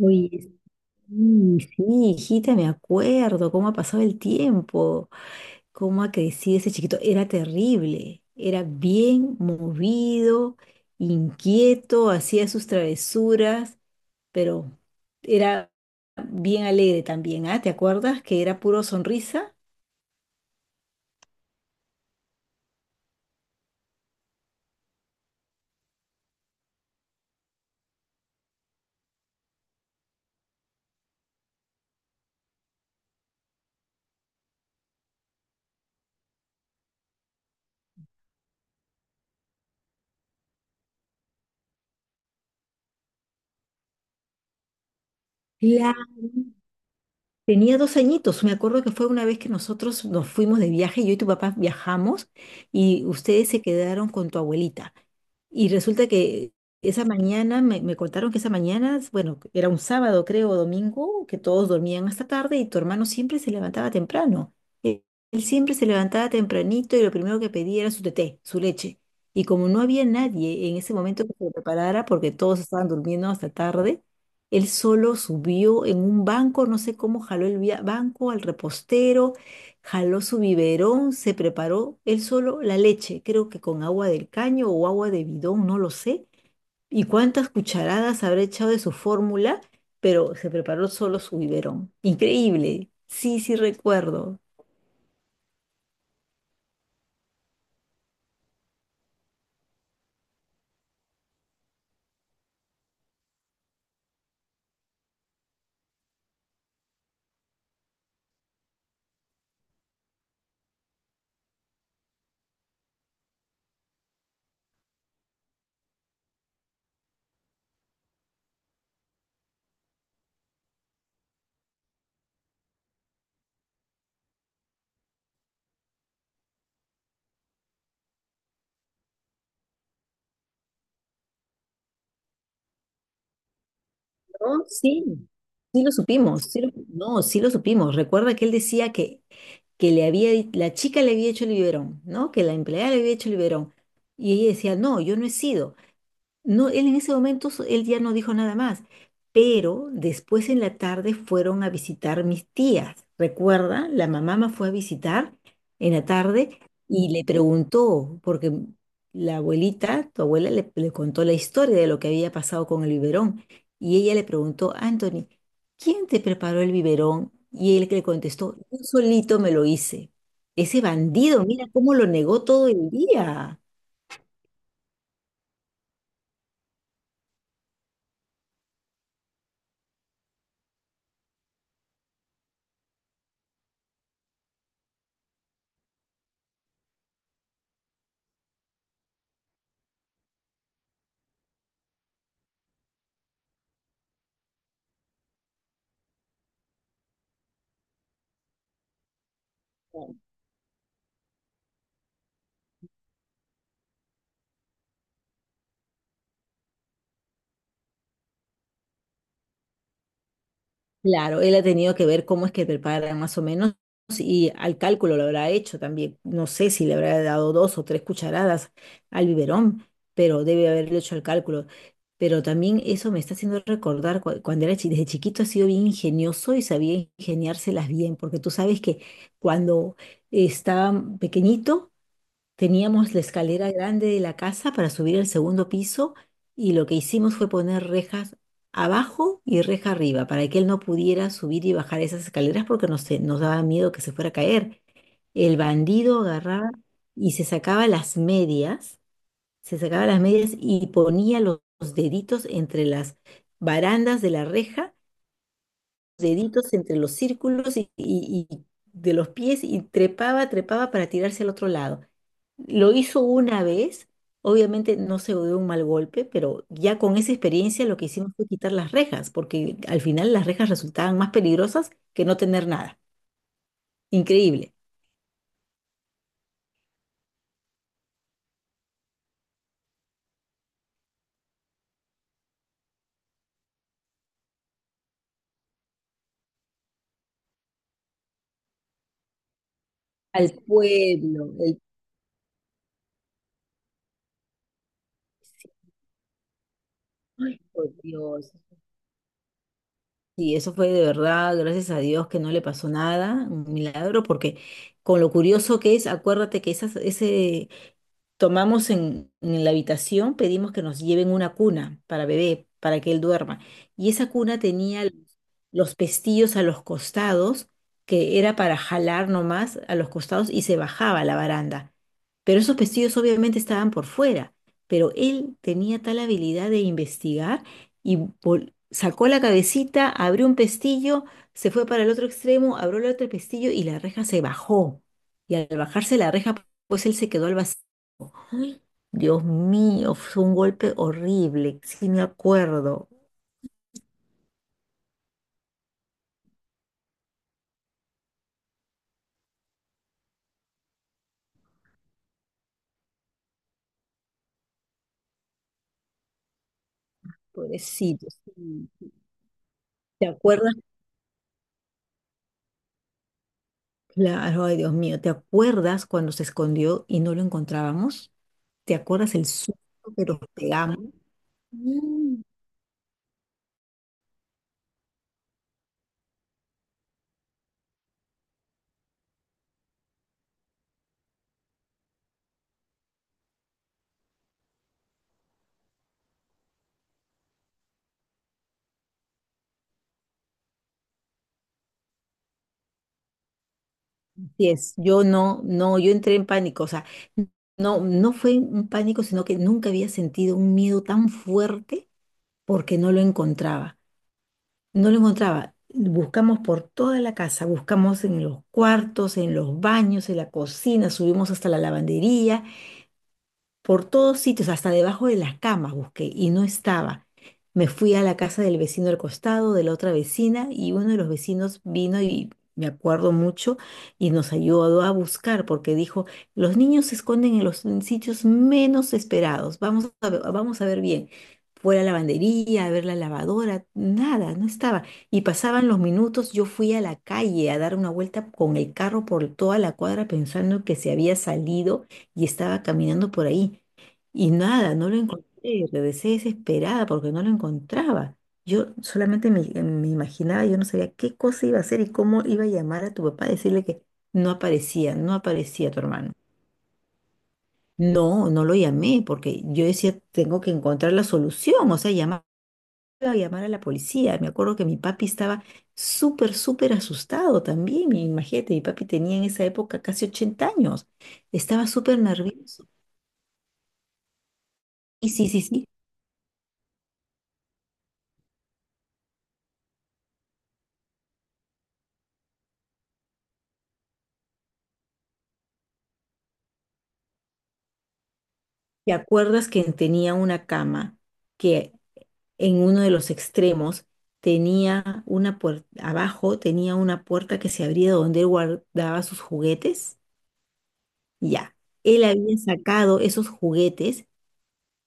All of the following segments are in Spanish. Oye, sí, sí, hijita, me acuerdo cómo ha pasado el tiempo, cómo ha crecido ese chiquito. Era terrible, era bien movido, inquieto, hacía sus travesuras, pero era bien alegre también, ¿ah? ¿Te acuerdas que era puro sonrisa? Claro, tenía 2 añitos. Me acuerdo que fue una vez que nosotros nos fuimos de viaje, yo y tu papá viajamos y ustedes se quedaron con tu abuelita. Y resulta que esa mañana, me contaron que esa mañana, bueno, era un sábado creo, o domingo, que todos dormían hasta tarde y tu hermano siempre se levantaba temprano. Él siempre se levantaba tempranito y lo primero que pedía era su teté, su leche. Y como no había nadie en ese momento que se lo preparara, porque todos estaban durmiendo hasta tarde, él solo subió en un banco, no sé cómo jaló el banco al repostero, jaló su biberón, se preparó él solo la leche, creo que con agua del caño o agua de bidón, no lo sé. Y cuántas cucharadas habrá echado de su fórmula, pero se preparó solo su biberón. Increíble. Sí, sí recuerdo. No, sí, sí lo supimos, no, sí lo supimos. Recuerda que él decía que le había, la chica le había hecho el biberón, ¿no? Que la empleada le había hecho el biberón. Y ella decía, no, yo no he sido. No, él en ese momento, él ya no dijo nada más, pero después en la tarde fueron a visitar mis tías. Recuerda, la mamá me fue a visitar en la tarde y le preguntó, porque la abuelita, tu abuela, le contó la historia de lo que había pasado con el biberón. Y ella le preguntó, Anthony, ¿quién te preparó el biberón? Y él que le contestó, yo solito me lo hice. Ese bandido, mira cómo lo negó todo el día. Claro, él ha tenido que ver cómo es que preparan más o menos y al cálculo lo habrá hecho también. No sé si le habrá dado 2 o 3 cucharadas al biberón, pero debe haberlo hecho al cálculo. Pero también eso me está haciendo recordar desde chiquito ha sido bien ingenioso y sabía ingeniárselas bien, porque tú sabes que cuando estaba pequeñito teníamos la escalera grande de la casa para subir al segundo piso y lo que hicimos fue poner rejas abajo y reja arriba para que él no pudiera subir y bajar esas escaleras porque nos daba miedo que se fuera a caer. El bandido agarraba y se sacaba las medias, se sacaba las medias y ponía los deditos entre las barandas de la reja deditos entre los círculos y de los pies y trepaba, trepaba para tirarse al otro lado. Lo hizo una vez, obviamente no se dio un mal golpe, pero ya con esa experiencia lo que hicimos fue quitar las rejas, porque al final las rejas resultaban más peligrosas que no tener nada. Increíble. Al pueblo, el... sí, por Dios. Sí, eso fue de verdad, gracias a Dios que no le pasó nada, un milagro, porque con lo curioso que es, acuérdate que tomamos en la habitación, pedimos que nos lleven una cuna para bebé, para que él duerma. Y esa cuna tenía los pestillos a los costados, que era para jalar nomás a los costados y se bajaba a la baranda. Pero esos pestillos obviamente estaban por fuera, pero él tenía tal habilidad de investigar y sacó la cabecita, abrió un pestillo, se fue para el otro extremo, abrió el otro pestillo y la reja se bajó. Y al bajarse la reja, pues él se quedó al vacío. Ay, Dios mío, fue un golpe horrible, sí me acuerdo. Pobrecito, sí. ¿Te acuerdas? Claro, ay, Dios mío, ¿te acuerdas cuando se escondió y no lo encontrábamos? ¿Te acuerdas el susto que nos pegamos? Mm. Así es, yo no, no, yo entré en pánico, o sea, no, no fue un pánico, sino que nunca había sentido un miedo tan fuerte porque no lo encontraba. No lo encontraba. Buscamos por toda la casa, buscamos en los cuartos, en los baños, en la cocina, subimos hasta la lavandería por todos sitios, hasta debajo de las camas busqué y no estaba. Me fui a la casa del vecino al costado, de la otra vecina, y uno de los vecinos vino y me acuerdo mucho y nos ayudó a buscar porque dijo, los niños se esconden en los en sitios menos esperados, vamos a ver bien. Fue a la lavandería, a ver la lavadora, nada, no estaba. Y pasaban los minutos, yo fui a la calle a dar una vuelta con el carro por toda la cuadra pensando que se había salido y estaba caminando por ahí. Y nada, no lo encontré, regresé desesperada porque no lo encontraba. Yo solamente me imaginaba, yo no sabía qué cosa iba a hacer y cómo iba a llamar a tu papá, a decirle que no aparecía, no aparecía tu hermano. No, no lo llamé porque yo decía, tengo que encontrar la solución, o sea, llamar, llamar a la policía. Me acuerdo que mi papi estaba súper, súper asustado también. Imagínate, mi papi tenía en esa época casi 80 años, estaba súper nervioso. Y sí, sí, sí. ¿Te acuerdas que tenía una cama que en uno de los extremos tenía una puerta, abajo tenía una puerta que se abría donde él guardaba sus juguetes? Ya, él había sacado esos juguetes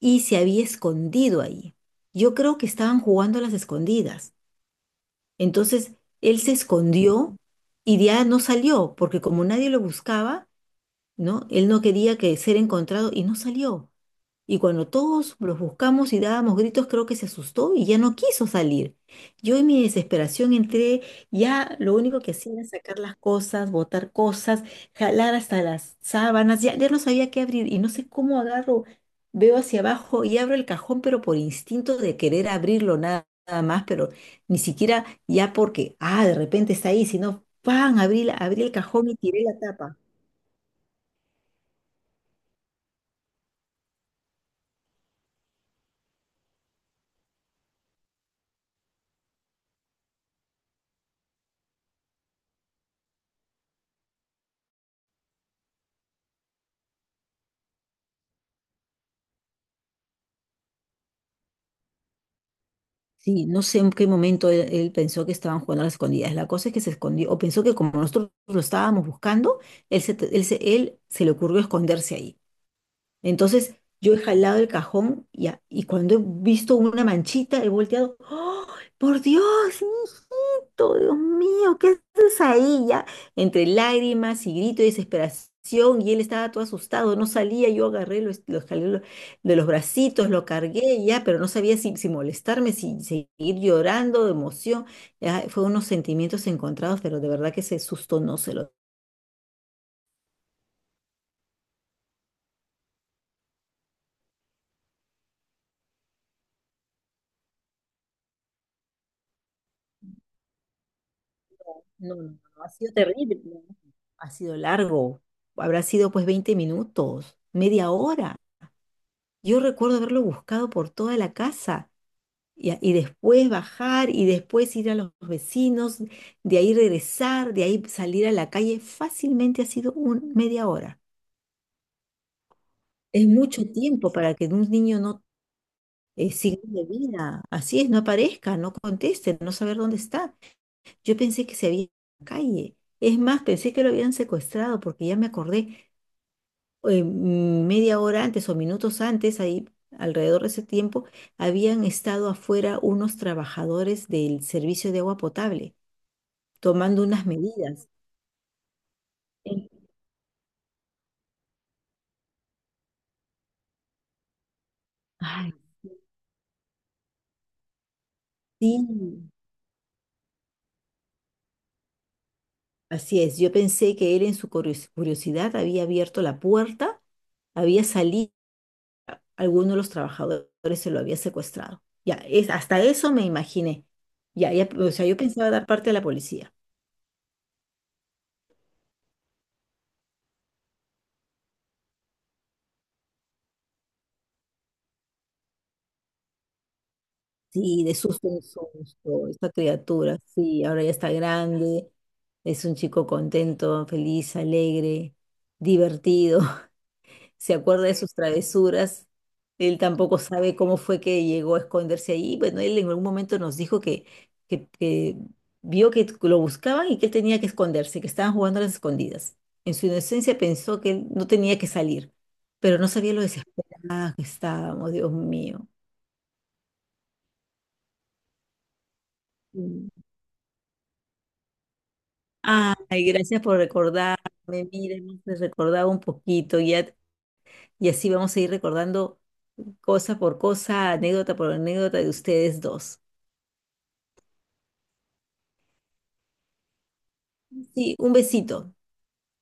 y se había escondido ahí. Yo creo que estaban jugando a las escondidas. Entonces, él se escondió y ya no salió, porque como nadie lo buscaba, ¿no? Él no quería que ser encontrado y no salió. Y cuando todos los buscamos y dábamos gritos, creo que se asustó y ya no quiso salir. Yo en mi desesperación entré, ya lo único que hacía era sacar las cosas, botar cosas, jalar hasta las sábanas, ya, ya no sabía qué abrir y no sé cómo agarro, veo hacia abajo y abro el cajón, pero por instinto de querer abrirlo nada, nada más, pero ni siquiera ya porque, ah, de repente está ahí, sino, ¡pam! Abrí, abrí el cajón y tiré la tapa. Sí, no sé en qué momento él, él pensó que estaban jugando a las escondidas. La cosa es que se escondió, o pensó que como nosotros lo estábamos buscando, él se le ocurrió esconderse ahí. Entonces yo he jalado el cajón y cuando he visto una manchita, he volteado, ¡Oh, por Dios, hijito! Dios mío, ¿qué haces ahí ya? Entre lágrimas y grito de desesperación y él estaba todo asustado, no salía, yo agarré, lo jalé de los bracitos, lo cargué ya, pero no sabía si, si molestarme, si seguir llorando de emoción. Ya, fue unos sentimientos encontrados, pero de verdad que ese susto no se lo. No, no, no, ha sido terrible, ¿no? Ha sido largo. Habrá sido pues 20 minutos, media hora. Yo recuerdo haberlo buscado por toda la casa y después bajar y después ir a los vecinos, de ahí regresar, de ahí salir a la calle. Fácilmente ha sido un, media hora. Es mucho tiempo para que un niño no... signo de vida, así es, no aparezca, no conteste, no saber dónde está. Yo pensé que se había ido a la calle. Es más, pensé que lo habían secuestrado porque ya me acordé, media hora antes o minutos antes, ahí alrededor de ese tiempo, habían estado afuera unos trabajadores del servicio de agua potable tomando unas medidas. En- Ay, sí, así es. Yo pensé que él en su curiosidad había abierto la puerta, había salido, alguno de los trabajadores se lo había secuestrado. Ya, es, hasta eso me imaginé. Ya, ya, o sea, yo pensaba dar parte a la policía. Sí, de susto en susto, esta criatura, sí, ahora ya está grande, es un chico contento, feliz, alegre, divertido, se acuerda de sus travesuras, él tampoco sabe cómo fue que llegó a esconderse ahí, bueno, él en algún momento nos dijo que vio que lo buscaban y que él tenía que esconderse, que estaban jugando a las escondidas. En su inocencia pensó que él no tenía que salir, pero no sabía lo desesperado que estábamos, Dios mío. Ay, gracias por recordarme. Mira, hemos recordado un poquito y así vamos a ir recordando cosa por cosa, anécdota por anécdota de ustedes dos. Sí, un besito.